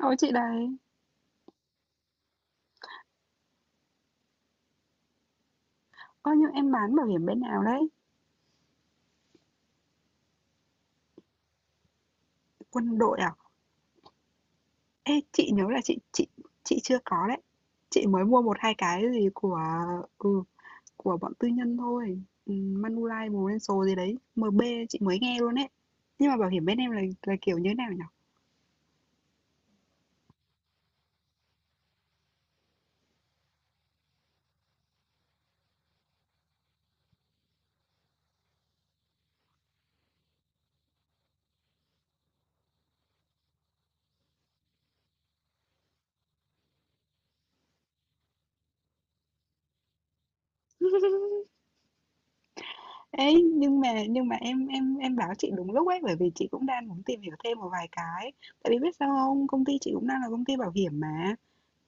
Ôi, chị đấy, nhưng em bán bảo hiểm bên nào đấy? Quân đội à? Ê, chị nhớ là chị chưa có đấy. Chị mới mua một hai cái gì ừ, của bọn tư nhân thôi. Ừ, Manulife Prudential gì đấy, MB chị mới nghe luôn đấy. Nhưng mà bảo hiểm bên em là kiểu như thế nào nhỉ? Ê, nhưng mà em báo chị đúng lúc ấy, bởi vì chị cũng đang muốn tìm hiểu thêm một vài cái. Tại vì biết sao không, công ty chị cũng đang là công ty bảo hiểm mà.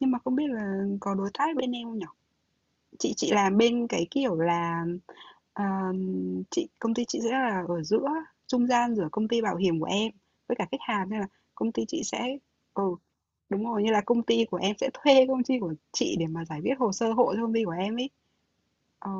Nhưng mà không biết là có đối tác bên em không nhỉ? Chị làm bên cái kiểu là, ờm, công ty chị sẽ là ở giữa, trung gian giữa công ty bảo hiểm của em với cả khách hàng, nên là công ty chị sẽ ừ, đúng rồi, như là công ty của em sẽ thuê công ty của chị để mà giải quyết hồ sơ hộ cho công ty của em ấy. Ờ,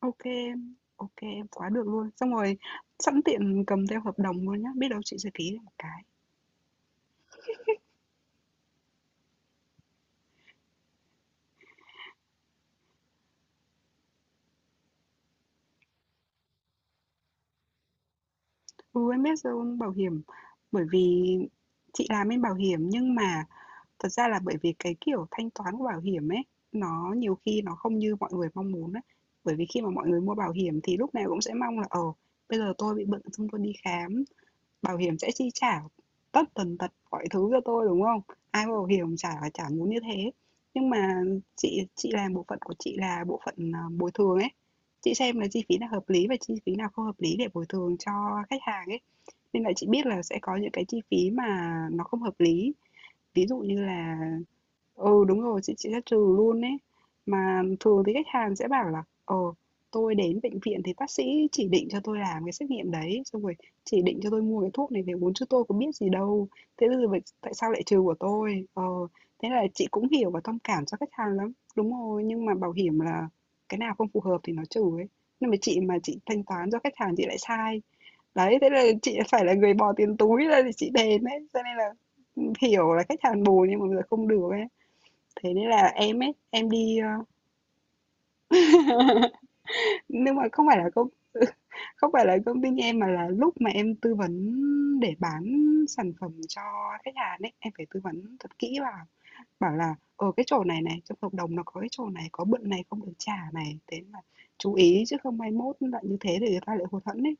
ok em, ô em, quá được luôn. Xong rồi sẵn tiện cầm theo hợp đồng luôn nhá, biết đâu chị sẽ ký được một cái. Ừ, em biết rồi, bảo hiểm bởi vì chị làm bên bảo hiểm. Nhưng mà thật ra là bởi vì cái kiểu thanh toán của bảo hiểm ấy, nó nhiều khi nó không như mọi người mong muốn á. Bởi vì khi mà mọi người mua bảo hiểm thì lúc nào cũng sẽ mong là, bây giờ tôi bị bệnh xong tôi đi khám, bảo hiểm sẽ chi trả tất tần tật mọi thứ cho tôi, đúng không? Ai mua bảo hiểm chả chả muốn như thế. Nhưng mà chị làm bộ phận của chị là bộ phận, bồi thường ấy, chị xem là chi phí nào hợp lý và chi phí nào không hợp lý để bồi thường cho khách hàng ấy. Nên là chị biết là sẽ có những cái chi phí mà nó không hợp lý, ví dụ như là. Ừ, đúng rồi, chị sẽ trừ luôn ấy. Mà thường thì khách hàng sẽ bảo là tôi đến bệnh viện thì bác sĩ chỉ định cho tôi làm cái xét nghiệm đấy, xong rồi chỉ định cho tôi mua cái thuốc này về uống chứ tôi có biết gì đâu. Thế bây giờ tại sao lại trừ của tôi? Ờ, thế là chị cũng hiểu và thông cảm cho khách hàng lắm. Đúng rồi, nhưng mà bảo hiểm là cái nào không phù hợp thì nó trừ ấy. Nhưng mà chị thanh toán cho khách hàng chị lại sai. Đấy, thế là chị phải là người bỏ tiền túi ra để chị đền ấy. Cho nên là hiểu là khách hàng bù nhưng mà bây giờ không được ấy. Thế nên là em ấy, em đi nhưng mà không phải là công không phải là công ty em, mà là lúc mà em tư vấn để bán sản phẩm cho khách hàng ấy, em phải tư vấn thật kỹ vào, bảo là ở cái chỗ này này trong hợp đồng nó có cái chỗ này, có bận này không được trả này, thế là chú ý chứ không mai mốt lại như thế để người ta lại hụt hẫng ấy.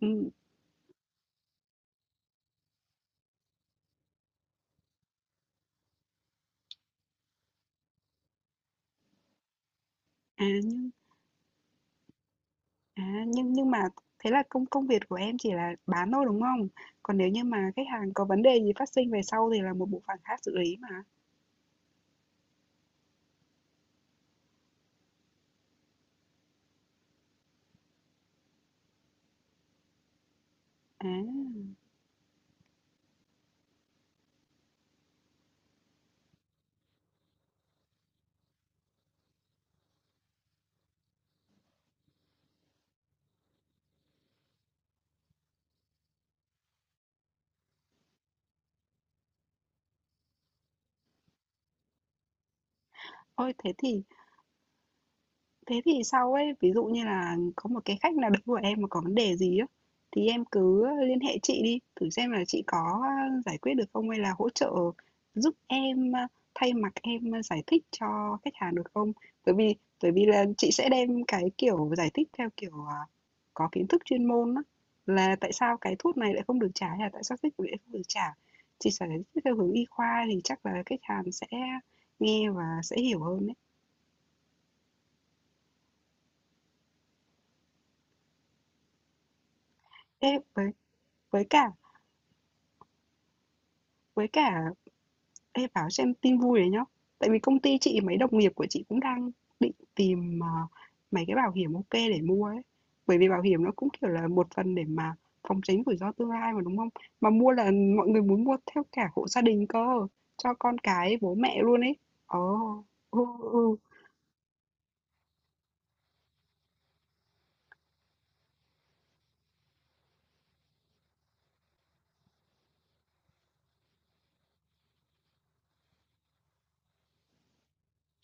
Ừ. à nhưng nhưng mà thế là công công việc của em chỉ là bán thôi đúng không, còn nếu như mà khách hàng có vấn đề gì phát sinh về sau thì là một bộ phận khác xử lý mà. à Ôi, thế thì sau ấy, ví dụ như là có một cái khách nào đấy của em mà có vấn đề gì á, thì em cứ liên hệ chị đi, thử xem là chị có, giải quyết được không hay là hỗ trợ giúp em, thay mặt em, giải thích cho khách hàng được không? Bởi vì bởi vì là chị sẽ đem cái, kiểu, giải thích theo kiểu, có kiến thức chuyên môn á, là tại sao cái thuốc này lại không được trả hay là tại sao thuốc này lại không được trả. Chị sẽ giải thích theo hướng y khoa thì chắc là khách hàng sẽ nghe và sẽ hiểu hơn đấy. Ê, Với cả với cả ê, bảo xem tin vui đấy nhá. Tại vì công ty chị mấy đồng nghiệp của chị cũng đang định tìm mấy cái bảo hiểm ok để mua ấy. Bởi vì bảo hiểm nó cũng kiểu là một phần để mà phòng tránh rủi ro tương lai mà đúng không? Mà mua là mọi người muốn mua theo cả hộ gia đình cơ, cho con cái bố mẹ luôn ấy. Ồ, ừ, ừ, ừ.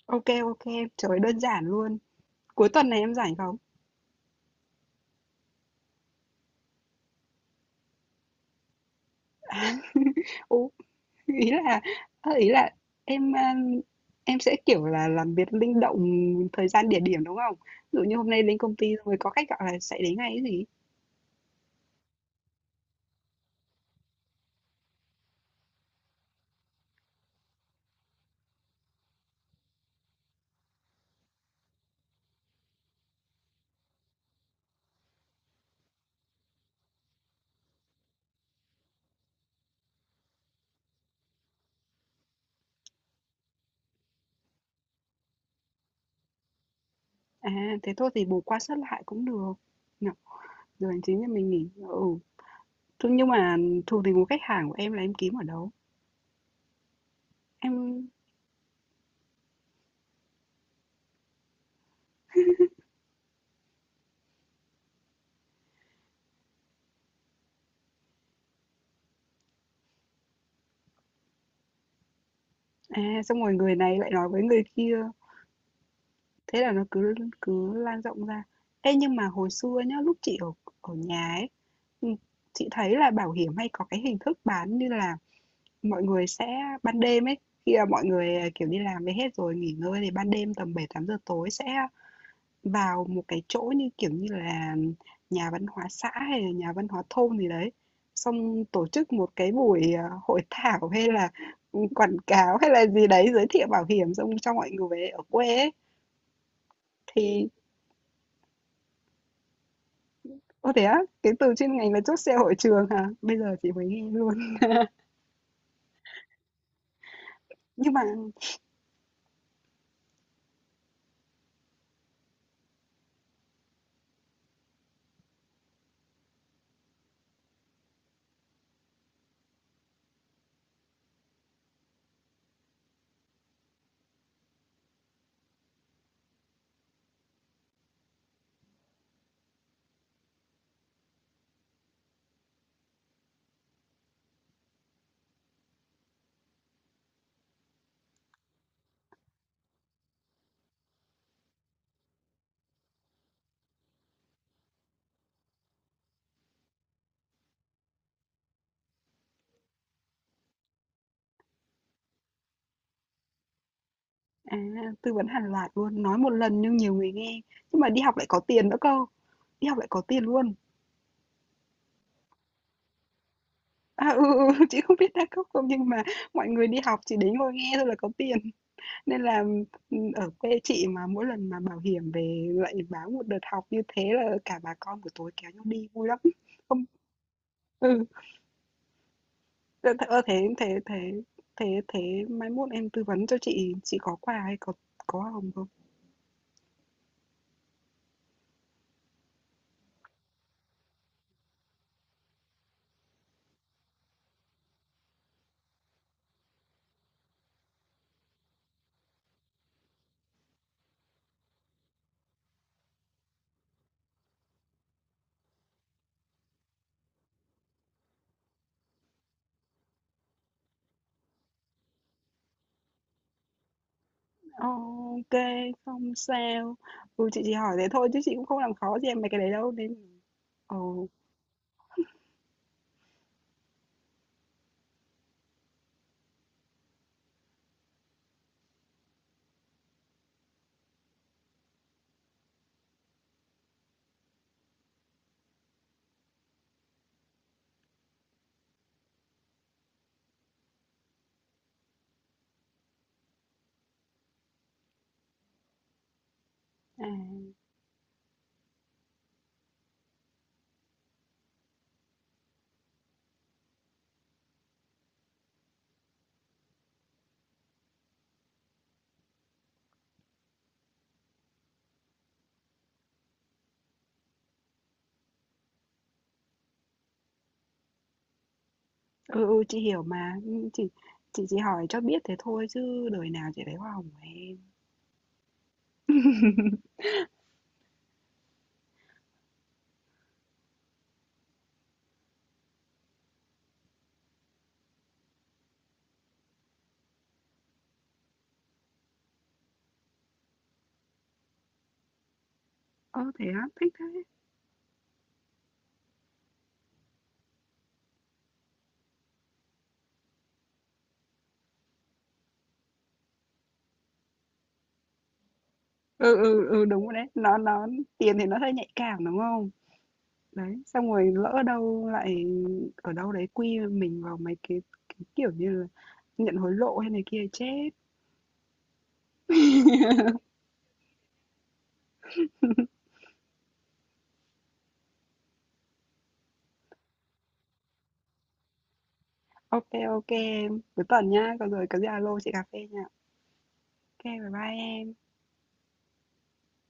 Ok ok, trời đơn giản luôn. Cuối tuần này em rảnh không? Ừ, ý là ơ, ý là em, a, em sẽ, kiểu là, làm việc linh động thời gian, địa điểm, đúng không? Ví dụ như hôm nay đến công ty rồi có khách gọi là sẽ đến ngay ấy gì. À, thế thôi thì bù qua sớt lại cũng được. Nhỉ? Giờ hành chính thì mình nghỉ. Ừ. Thế nhưng mà thuộc tình của khách hàng của em là em kiếm ở đâu? Em xong rồi người này lại nói với người kia, thế là nó cứ cứ lan rộng ra. Ê nhưng mà hồi xưa nhá, lúc chị ở ở nhà ấy, ừ, chị thấy là bảo hiểm hay có cái hình thức bán như là mọi người sẽ ban đêm ấy, khi mà mọi người, kiểu, đi làm về hết rồi nghỉ ngơi thì ban đêm tầm 7, 8 giờ tối sẽ vào một cái chỗ như, kiểu như là, nhà văn hóa xã hay là nhà văn hóa thôn gì đấy, xong tổ chức một cái buổi, hội thảo hay là, quảng cáo hay là gì đấy, giới thiệu bảo hiểm xong cho mọi người ở quê ấy. Thì ô, thế á? Cái từ chuyên ngành là chốt sale hội trường hả? Bây giờ chị mới nghe luôn. Nhưng mà à, tư vấn hàng loạt luôn, nói một lần nhưng nhiều người nghe, nhưng mà đi học lại có tiền nữa cơ, đi học lại có tiền luôn. À, ừ, ừ, ừ, chị không biết đa cấp không nhưng mà mọi người đi học chỉ đến ngồi nghe thôi là có tiền. Nên là, ở quê chị mà mỗi lần mà bảo hiểm về lại báo một đợt học như thế là cả bà con buổi tối kéo nhau đi vui lắm. Không, ừ, ơ, thế thế thế thế thế thế mai mốt em tư vấn cho chị có quà hay có hồng không? Ờ, ok không sao. Ừ, chị chỉ hỏi thế thôi chứ chị cũng không làm khó gì em mấy cái đấy đâu nên ừ, à, ừ, chị hiểu mà. Ừ, Chị chỉ hỏi cho biết thế thôi chứ đời nào chị lấy hoa hồng của em. Ơ thế á, thích thế. Ừ, ừ, ừ, đúng rồi đấy. Nó, tiền thì nó hơi nhạy cảm đúng không? Đấy, xong rồi lỡ đâu lại ở đâu đấy quy mình vào mấy cái kiểu như là nhận hối lộ hay này kia chết. Ok, ok em. Cuối tuần nha, còn rồi có gì alo chị cà phê nha. Ok, bye bye em.